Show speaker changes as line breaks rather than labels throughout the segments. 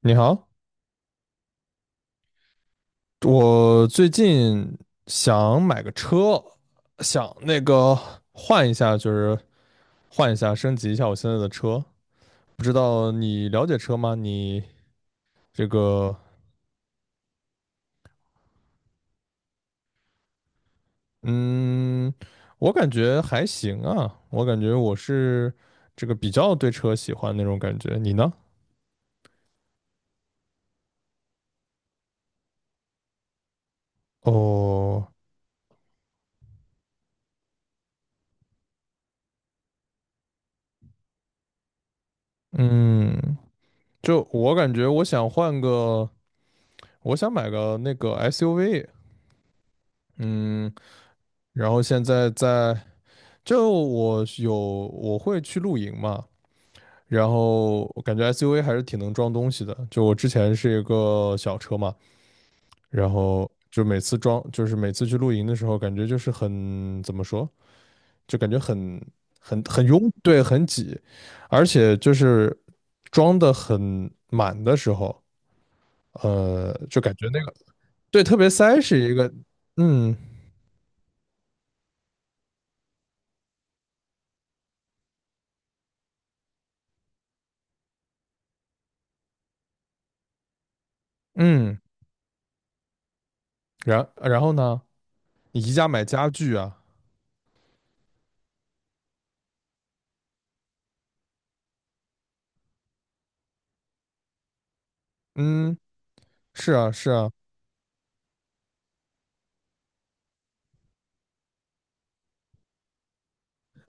你好，我最近想买个车，想换一下，升级一下我现在的车。不知道你了解车吗？你这个，嗯，我感觉还行啊，我感觉我是比较对车喜欢那种感觉。你呢？哦，嗯，就我感觉我想换个，我想买个那个 SUV，嗯。然后现在在，就我是有我会去露营嘛，然后我感觉 SUV 还是挺能装东西的。就我之前是一个小车嘛，然后就每次装，就是每次去露营的时候，感觉就是很，怎么说，就感觉很拥，对，很挤，而且就是装的很满的时候，就感觉那个，对，特别塞是一个，嗯嗯，然后呢？你宜家买家具啊？嗯，是啊，是啊，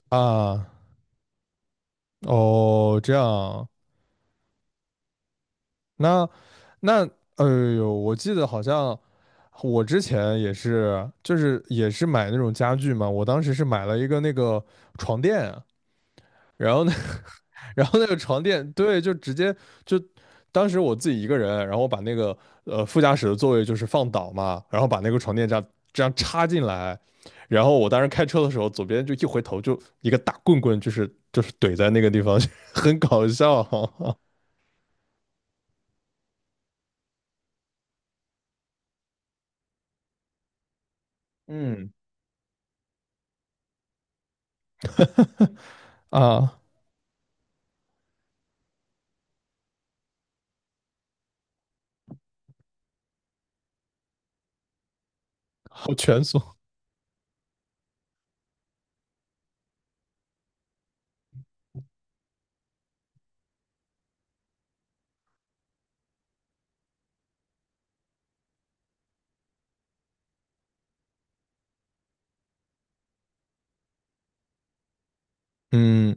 啊，哦，这样啊，那那，哎呦，我记得好像我之前也是，就是也是买那种家具嘛，我当时是买了一个那个床垫啊，然后呢，然后那个床垫，对，就直接就当时我自己一个人，然后我把那个副驾驶的座位就是放倒嘛，然后把那个床垫这样插进来，然后我当时开车的时候，左边就一回头就一个大棍棍，就是怼在那个地方，很搞笑 嗯，啊，好蜷缩。嗯，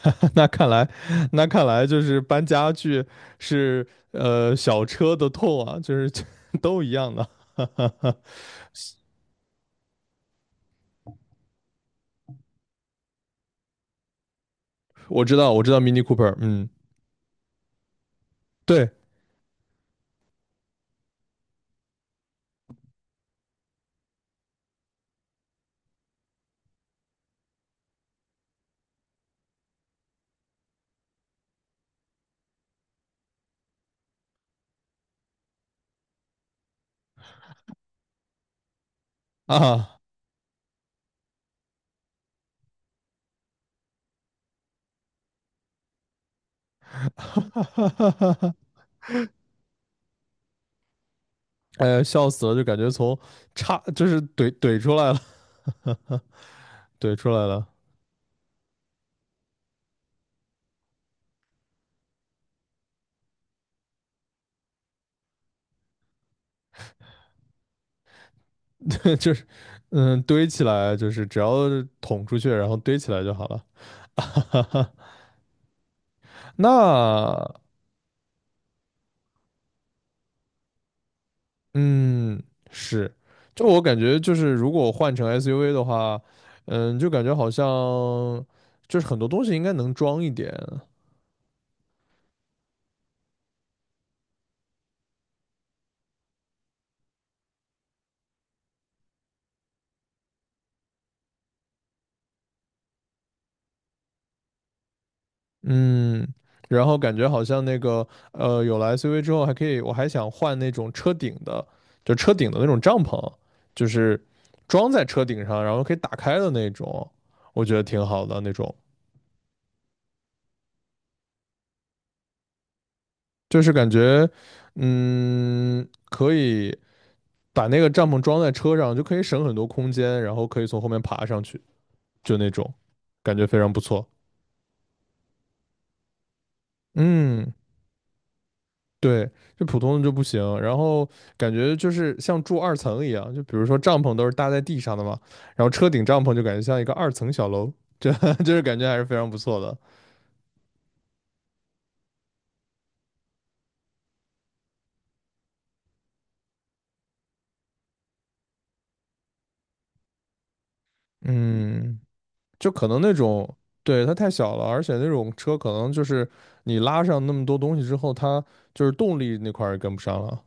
那看来，那看来就是搬家具是小车的痛啊，就是 都一样的。我知道，我知道 Mini Cooper，嗯，对啊，哎呀，笑死了，就感觉从叉就是怼出来了，怼出来了，对，就是堆起来，就是只要捅出去，然后堆起来就好了。那嗯是，就我感觉就是如果换成 SUV 的话，就感觉好像就是很多东西应该能装一点，嗯，然后感觉好像那个有了 SUV 之后还可以，我还想换那种车顶的，就车顶的那种帐篷，就是装在车顶上，然后可以打开的那种，我觉得挺好的那种，就是感觉可以把那个帐篷装在车上，就可以省很多空间，然后可以从后面爬上去，就那种感觉非常不错。嗯对，就普通的就不行。然后感觉就是像住二层一样，就比如说帐篷都是搭在地上的嘛，然后车顶帐篷就感觉像一个二层小楼，这 就是感觉还是非常不错的。嗯，就可能那种，对，它太小了，而且那种车可能就是你拉上那么多东西之后，它就是动力那块儿也跟不上了。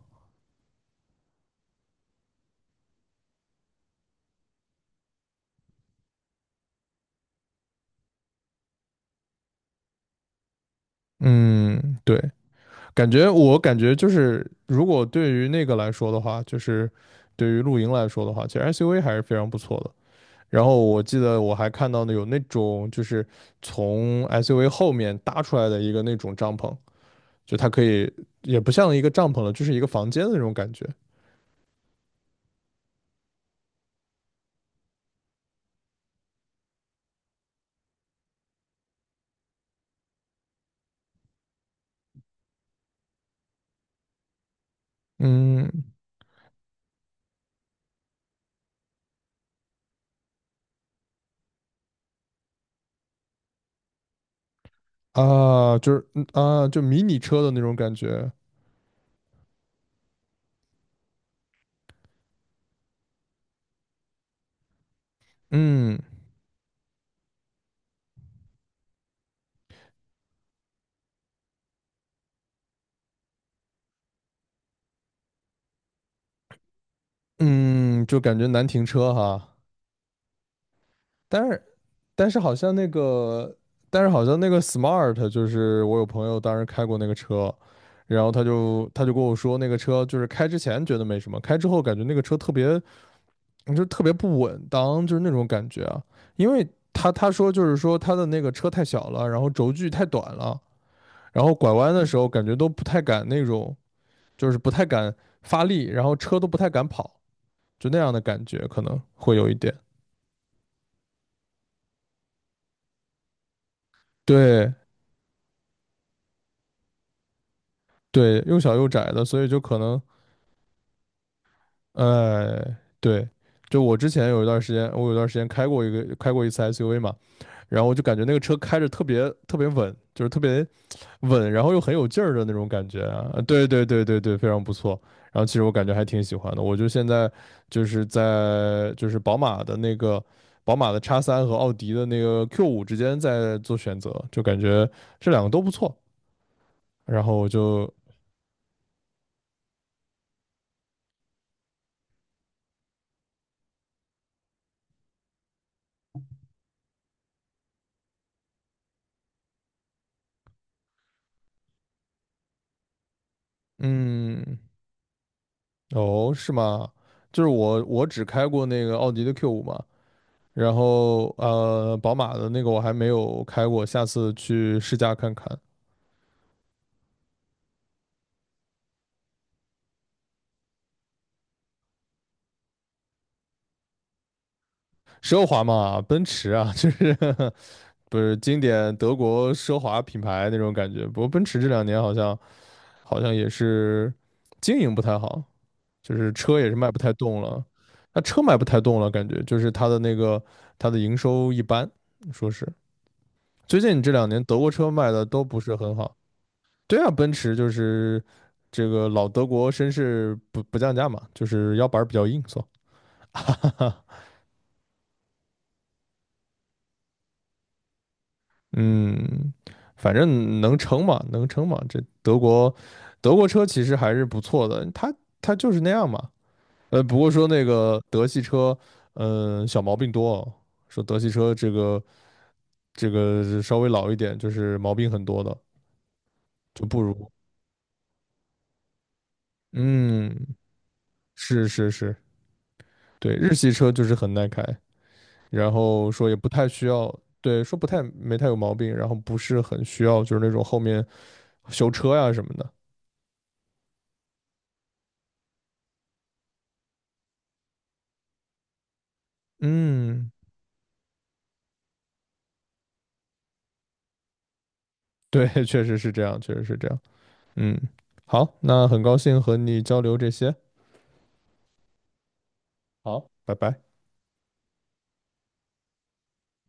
嗯，对，感觉我感觉就是，如果对于那个来说的话，就是对于露营来说的话，其实 SUV 还是非常不错的。然后我记得我还看到呢，有那种就是从 SUV 后面搭出来的一个那种帐篷，就它可以也不像一个帐篷了，就是一个房间的那种感觉。嗯啊，就是嗯啊，就迷你车的那种感觉。嗯嗯，就感觉难停车哈。但是但是好像那个，但是好像那个 Smart 就是我有朋友当时开过那个车，然后他就跟我说那个车就是开之前觉得没什么，开之后感觉那个车特别。你就特别不稳当，就是那种感觉啊。因为他说就是说他的那个车太小了，然后轴距太短了，然后拐弯的时候感觉都不太敢那种，就是不太敢发力，然后车都不太敢跑，就那样的感觉可能会有一点。对对，又小又窄的，所以就可能，哎，对，就我之前有一段时间，我有一段时间开过一次 SUV 嘛，然后我就感觉那个车开着特别特别稳，就是特别稳，然后又很有劲儿的那种感觉啊！对对对对对，非常不错。然后其实我感觉还挺喜欢的，我就现在在宝马的那个宝马的 X3和奥迪的那个 Q 五之间在做选择，就感觉这两个都不错。然后我就嗯，哦，是吗？就是我只开过那个奥迪的 Q 五嘛，然后宝马的那个我还没有开过，下次去试驾看看。奢华嘛，奔驰啊，就是 不是经典德国奢华品牌那种感觉。不过奔驰这两年好像也是经营不太好，就是车也是卖不太动了。那车卖不太动了，感觉就是它的那个它的营收一般，说是最近这两年德国车卖的都不是很好。对啊，奔驰就是这个老德国绅士不降价嘛，就是腰板儿比较硬，哈。嗯，反正能撑嘛，能撑嘛。这德国车其实还是不错的，它就是那样嘛。不过说那个德系车，嗯、小毛病多哦。说德系车这个是稍微老一点，就是毛病很多的，就不如。嗯，是是是，对，日系车就是很耐开，然后说也不太需要，对，说不太没太有毛病，然后不是很需要就是那种后面修车呀什么的。嗯。对，确实是这样，确实是这样。嗯，好，那很高兴和你交流这些。好，拜拜。